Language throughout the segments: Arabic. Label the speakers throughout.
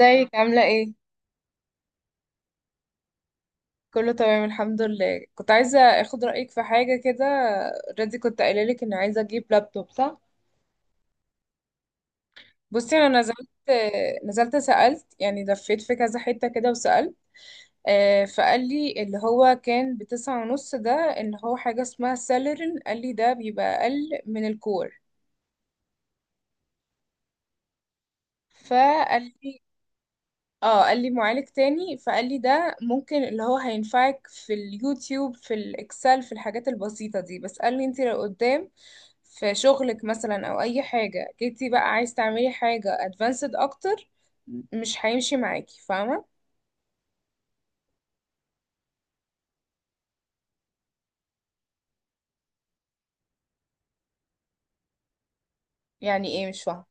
Speaker 1: ازيك عاملة ايه؟ كله تمام الحمد لله. كنت عايزة اخد رأيك في حاجة كده. ردي، كنت قايلة لك اني عايزة اجيب لابتوب، صح؟ بصي انا نزلت سألت، يعني لفيت في كذا حتة كده وسألت. فقال لي اللي هو كان ب9 ونص ده، ان هو حاجة اسمها سيلرين، قال لي ده بيبقى اقل من الكور. فقال لي اه قال لي معالج تاني، فقال لي ده ممكن اللي هو هينفعك في اليوتيوب، في الاكسل، في الحاجات البسيطة دي، بس قال لي انت لو قدام في شغلك مثلا او اي حاجة جيتي بقى عايز تعملي حاجة ادفانسد اكتر مش هيمشي معاكي، فاهمة. يعني ايه؟ مش فاهمة.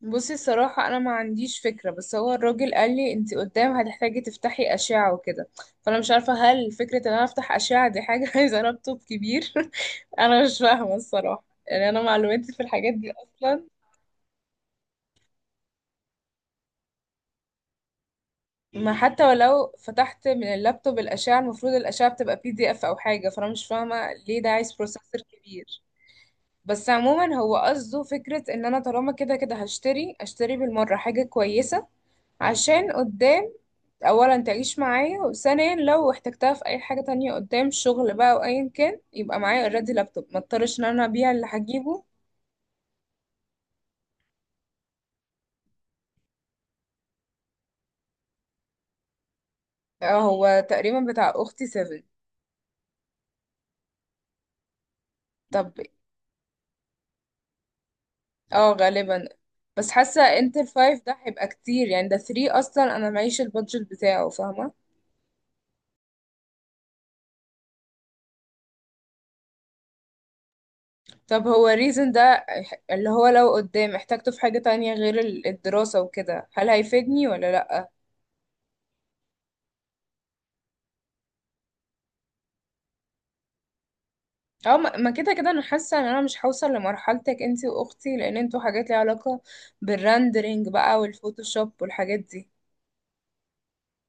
Speaker 1: بصي الصراحة أنا ما عنديش فكرة، بس هو الراجل قال لي أنت قدام هتحتاجي تفتحي أشعة وكده. فأنا مش عارفة هل فكرة إن أنا أفتح أشعة دي حاجة عايزة لابتوب كبير. أنا مش فاهمة الصراحة، يعني أنا معلوماتي في الحاجات دي أصلا. ما حتى ولو فتحت من اللابتوب الأشعة، المفروض الأشعة بتبقى بي دي إف أو حاجة، فأنا مش فاهمة ليه ده عايز بروسيسور كبير. بس عموما هو قصده فكرة إن أنا طالما كده كده هشتري، أشتري بالمرة حاجة كويسة عشان قدام، اولا تعيش معايا، وثانيا لو احتجتها في اي حاجة تانية قدام شغل بقى او ايا كان يبقى معايا اوريدي لابتوب، ما اضطرش ان انا ابيع اللي هجيبه. آه، هو تقريبا بتاع اختي 7. طب اه، غالبا. بس حاسة انت الفايف ده هيبقى كتير، يعني ده 3 اصلا انا معيش البادجت بتاعه، فاهمة. طب هو الريزن ده اللي هو لو قدام احتاجته في حاجة تانية غير الدراسة وكده، هل هيفيدني ولا لأ؟ اه. ما كده كده انا حاسه ان انا مش هوصل لمرحلتك انتي واختي، لان انتوا حاجات ليها علاقه بالرندرينج بقى والفوتوشوب والحاجات دي.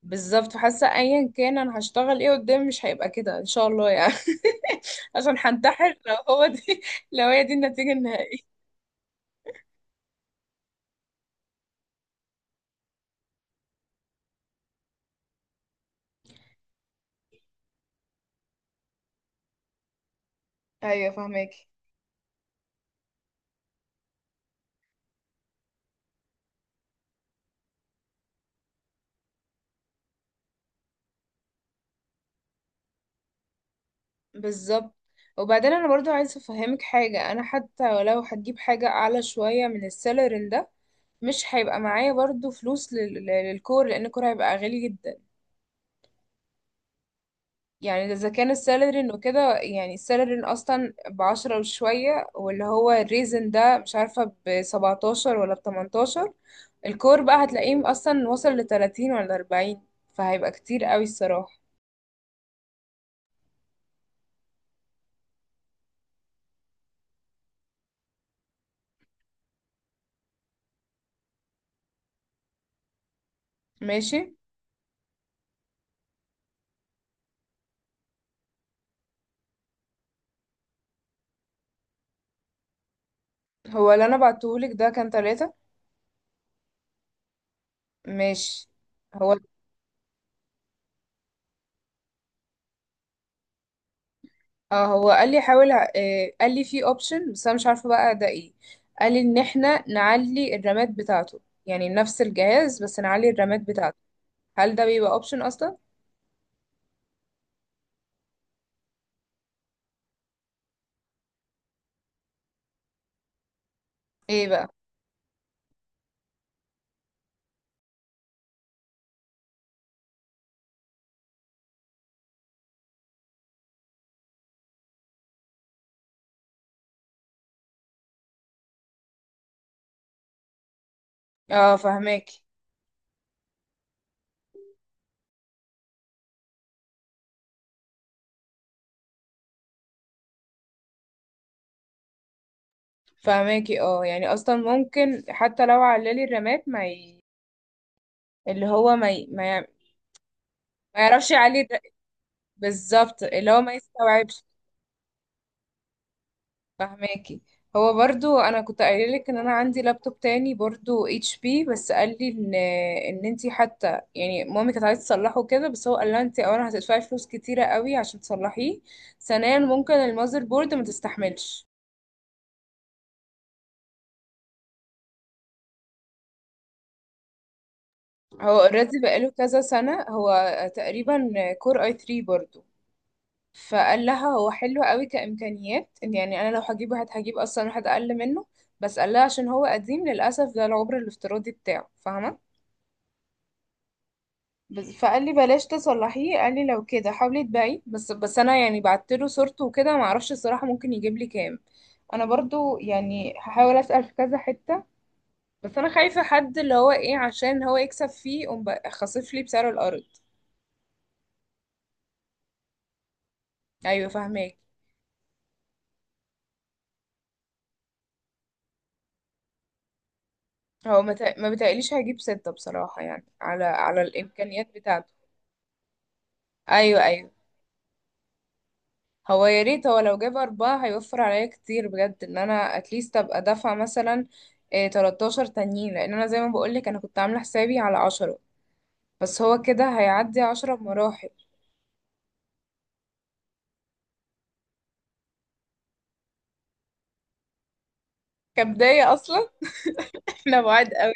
Speaker 1: بالظبط، فحاسه ايا كان انا هشتغل ايه قدام مش هيبقى كده ان شاء الله يعني. عشان هنتحر لو هو دي، لو هي دي النتيجه النهائيه. ايوه، فهماكي. بالظبط. وبعدين انا برضو عايزه افهمك حاجه، انا حتى ولو هتجيب حاجه اعلى شويه من السالري ده مش هيبقى معايا برضو فلوس للكور، لان الكور هيبقى غالي جدا. يعني اذا كان السالري انه كده، يعني السالري اصلا ب10 وشوية، واللي هو الريزن ده مش عارفة ب17 ولا ب18، الكور بقى هتلاقيه اصلا وصل ل30 ولا 40، فهيبقى كتير قوي الصراحة. ماشي. هو اللي انا بعتهولك ده كان 3. ماشي. هو اه، هو قال لي حاول. قال لي في اوبشن، بس انا مش عارفة بقى ده ايه. قال لي ان احنا نعلي الرامات بتاعته، يعني نفس الجهاز بس نعلي الرامات بتاعته. هل ده بيبقى اوبشن اصلا؟ ايه بقى؟ اه، فهماكي. فهماكي، اه يعني اصلا ممكن حتى لو عللي الرامات اللي هو ما ي... ما, ي... ما يعرفش يعلي الر- بالظبط اللي هو ما يستوعبش. فهماكي. هو برضو انا كنت قايله لك ان انا عندي لابتوب تاني برضو اتش بي، بس قال لي ان انتي حتى يعني مامي كانت عايزه تصلحه كده، بس هو قال لها انتي اولا هتدفعي فلوس كتيره قوي عشان تصلحيه، ثانيا ممكن المذر بورد ما تستحملش. هو اوريدي بقاله كذا سنه، هو تقريبا كور اي 3 برضو. فقال لها هو حلو قوي كإمكانيات، إن يعني أنا لو هجيبه هجيب أصلا واحد أقل منه، بس قال لها عشان هو قديم للأسف ده العمر الافتراضي بتاعه، فاهمة. بس فقال لي بلاش تصلحيه، قال لي لو كده حاولي تبيعي بس. أنا يعني بعت له صورته وكده، معرفش الصراحة ممكن يجيب لي كام. أنا برضو يعني هحاول أسأل في كذا حتة، بس أنا خايفة حد اللي هو إيه، عشان هو يكسب فيه يقوم بقى خاصف لي بسعر الأرض. أيوه، فاهماك. هو ما بتقليش هيجيب 6 بصراحة، يعني على على الإمكانيات بتاعته. ايوه، ايوه. هو يا ريت هو لو جاب 4 هيوفر عليا كتير بجد، ان انا اتليست ابقى دافعة مثلا إيه 13 تانيين، لان انا زي ما بقولك انا كنت عاملة حسابي على 10، بس هو كده هيعدي 10 بمراحل. كبداية اصلا. احنا بعاد قوي.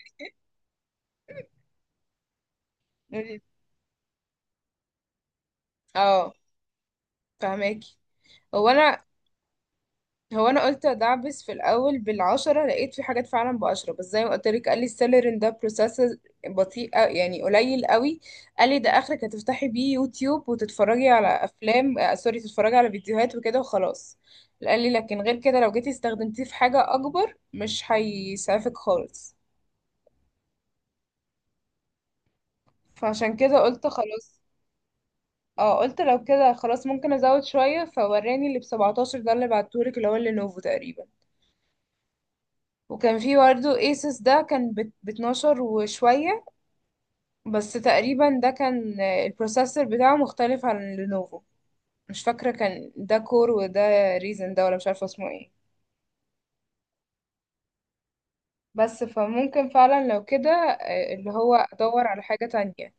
Speaker 1: اه، فهماكي. هو انا هو انا قلت ادعبس في الاول ب10، لقيت في حاجات فعلا ب10، بس زي ما قلت لك قال لي السيلرين ده بروسيس بطيء يعني قليل قوي. قال لي ده اخرك هتفتحي بيه يوتيوب وتتفرجي على افلام. سوري، تتفرجي على فيديوهات وكده وخلاص. قال لي لكن غير كده لو جيتي استخدمتيه في حاجة اكبر مش هيسعفك خالص، فعشان كده قلت خلاص. اه، قلت لو كده خلاص ممكن ازود شوية فوراني اللي ب 17 ده اللي بعتهولك اللي هو اللينوفو تقريبا. وكان في برضه ايسس ده كان ب 12 وشوية، بس تقريبا ده كان البروسيسور بتاعه مختلف عن لينوفو. مش فاكرة كان ده كور وده ريزن ده، ولا مش عارفة اسمه ايه. بس فممكن فعلا لو كده اللي هو ادور على حاجة تانية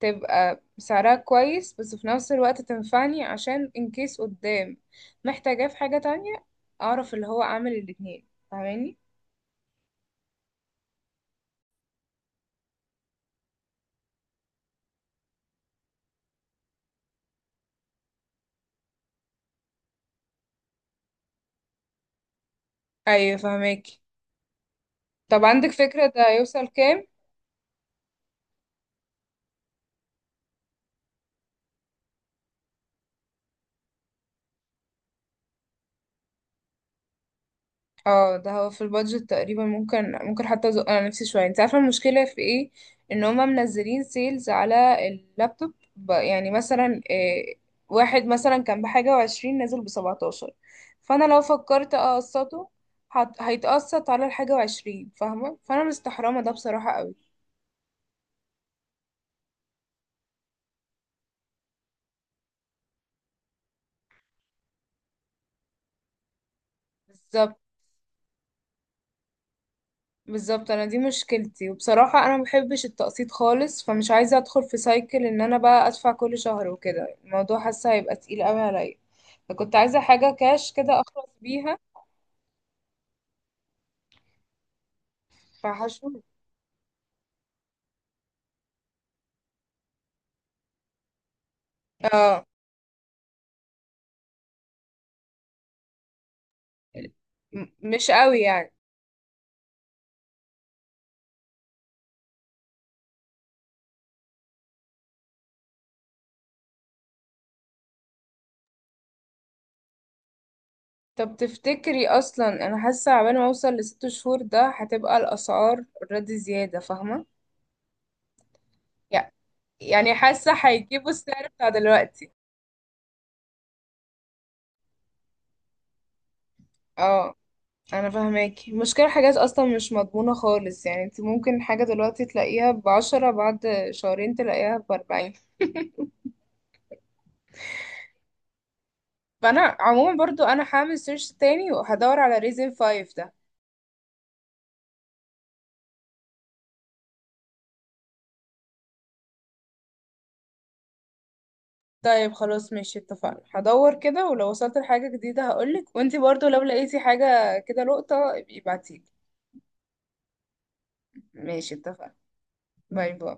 Speaker 1: تبقى سعرها كويس، بس في نفس الوقت تنفعني عشان ان كيس قدام محتاجاه في حاجة تانية، اعرف اللي هو اعمل الاتنين، فاهماني؟ ايوه، فاهماكي. طب عندك فكرة ده هيوصل كام؟ اه، ده هو في البادجت تقريبا، ممكن، ممكن حتى ازق انا نفسي شويه. انت عارفه المشكله في ايه؟ ان هما منزلين سيلز على اللابتوب، يعني مثلا إيه، واحد مثلا كان بحاجه وعشرين نازل بسبعتاشر، فانا لو فكرت اقسطه هيتقسط على الحاجه وعشرين، فاهمه، فانا مستحرمه ده بصراحه قوي. بالظبط، انا دي مشكلتي، وبصراحة انا مبحبش التقسيط خالص، فمش عايزة ادخل في سايكل ان انا بقى ادفع كل شهر وكده، الموضوع حاسة هيبقى تقيل قوي عليا، فكنت عايزة حاجة كاش كده اخلص بيها. فهشوف. اه، مش قوي يعني. طب تفتكري اصلا انا حاسة عبال ما اوصل لست شهور ده هتبقى الاسعار اوريدي زيادة، فاهمة. يع- يعني حاسة هيجيبوا السعر بتاع دلوقتي. اه، انا فاهماكي، المشكله حاجات اصلا مش مضمونه خالص، يعني انت ممكن حاجه دلوقتي تلاقيها ب10، بعد شهرين تلاقيها ب40. فانا عموما برضو انا هعمل سيرش تاني وهدور على ريزن فايف ده. طيب خلاص، ماشي، اتفقنا، هدور كده، ولو وصلت لحاجه جديده هقولك، وانتي برضو لو لقيتي حاجه كده لقطه ابقي ابعتيلي. ماشي، اتفقنا. باي باي.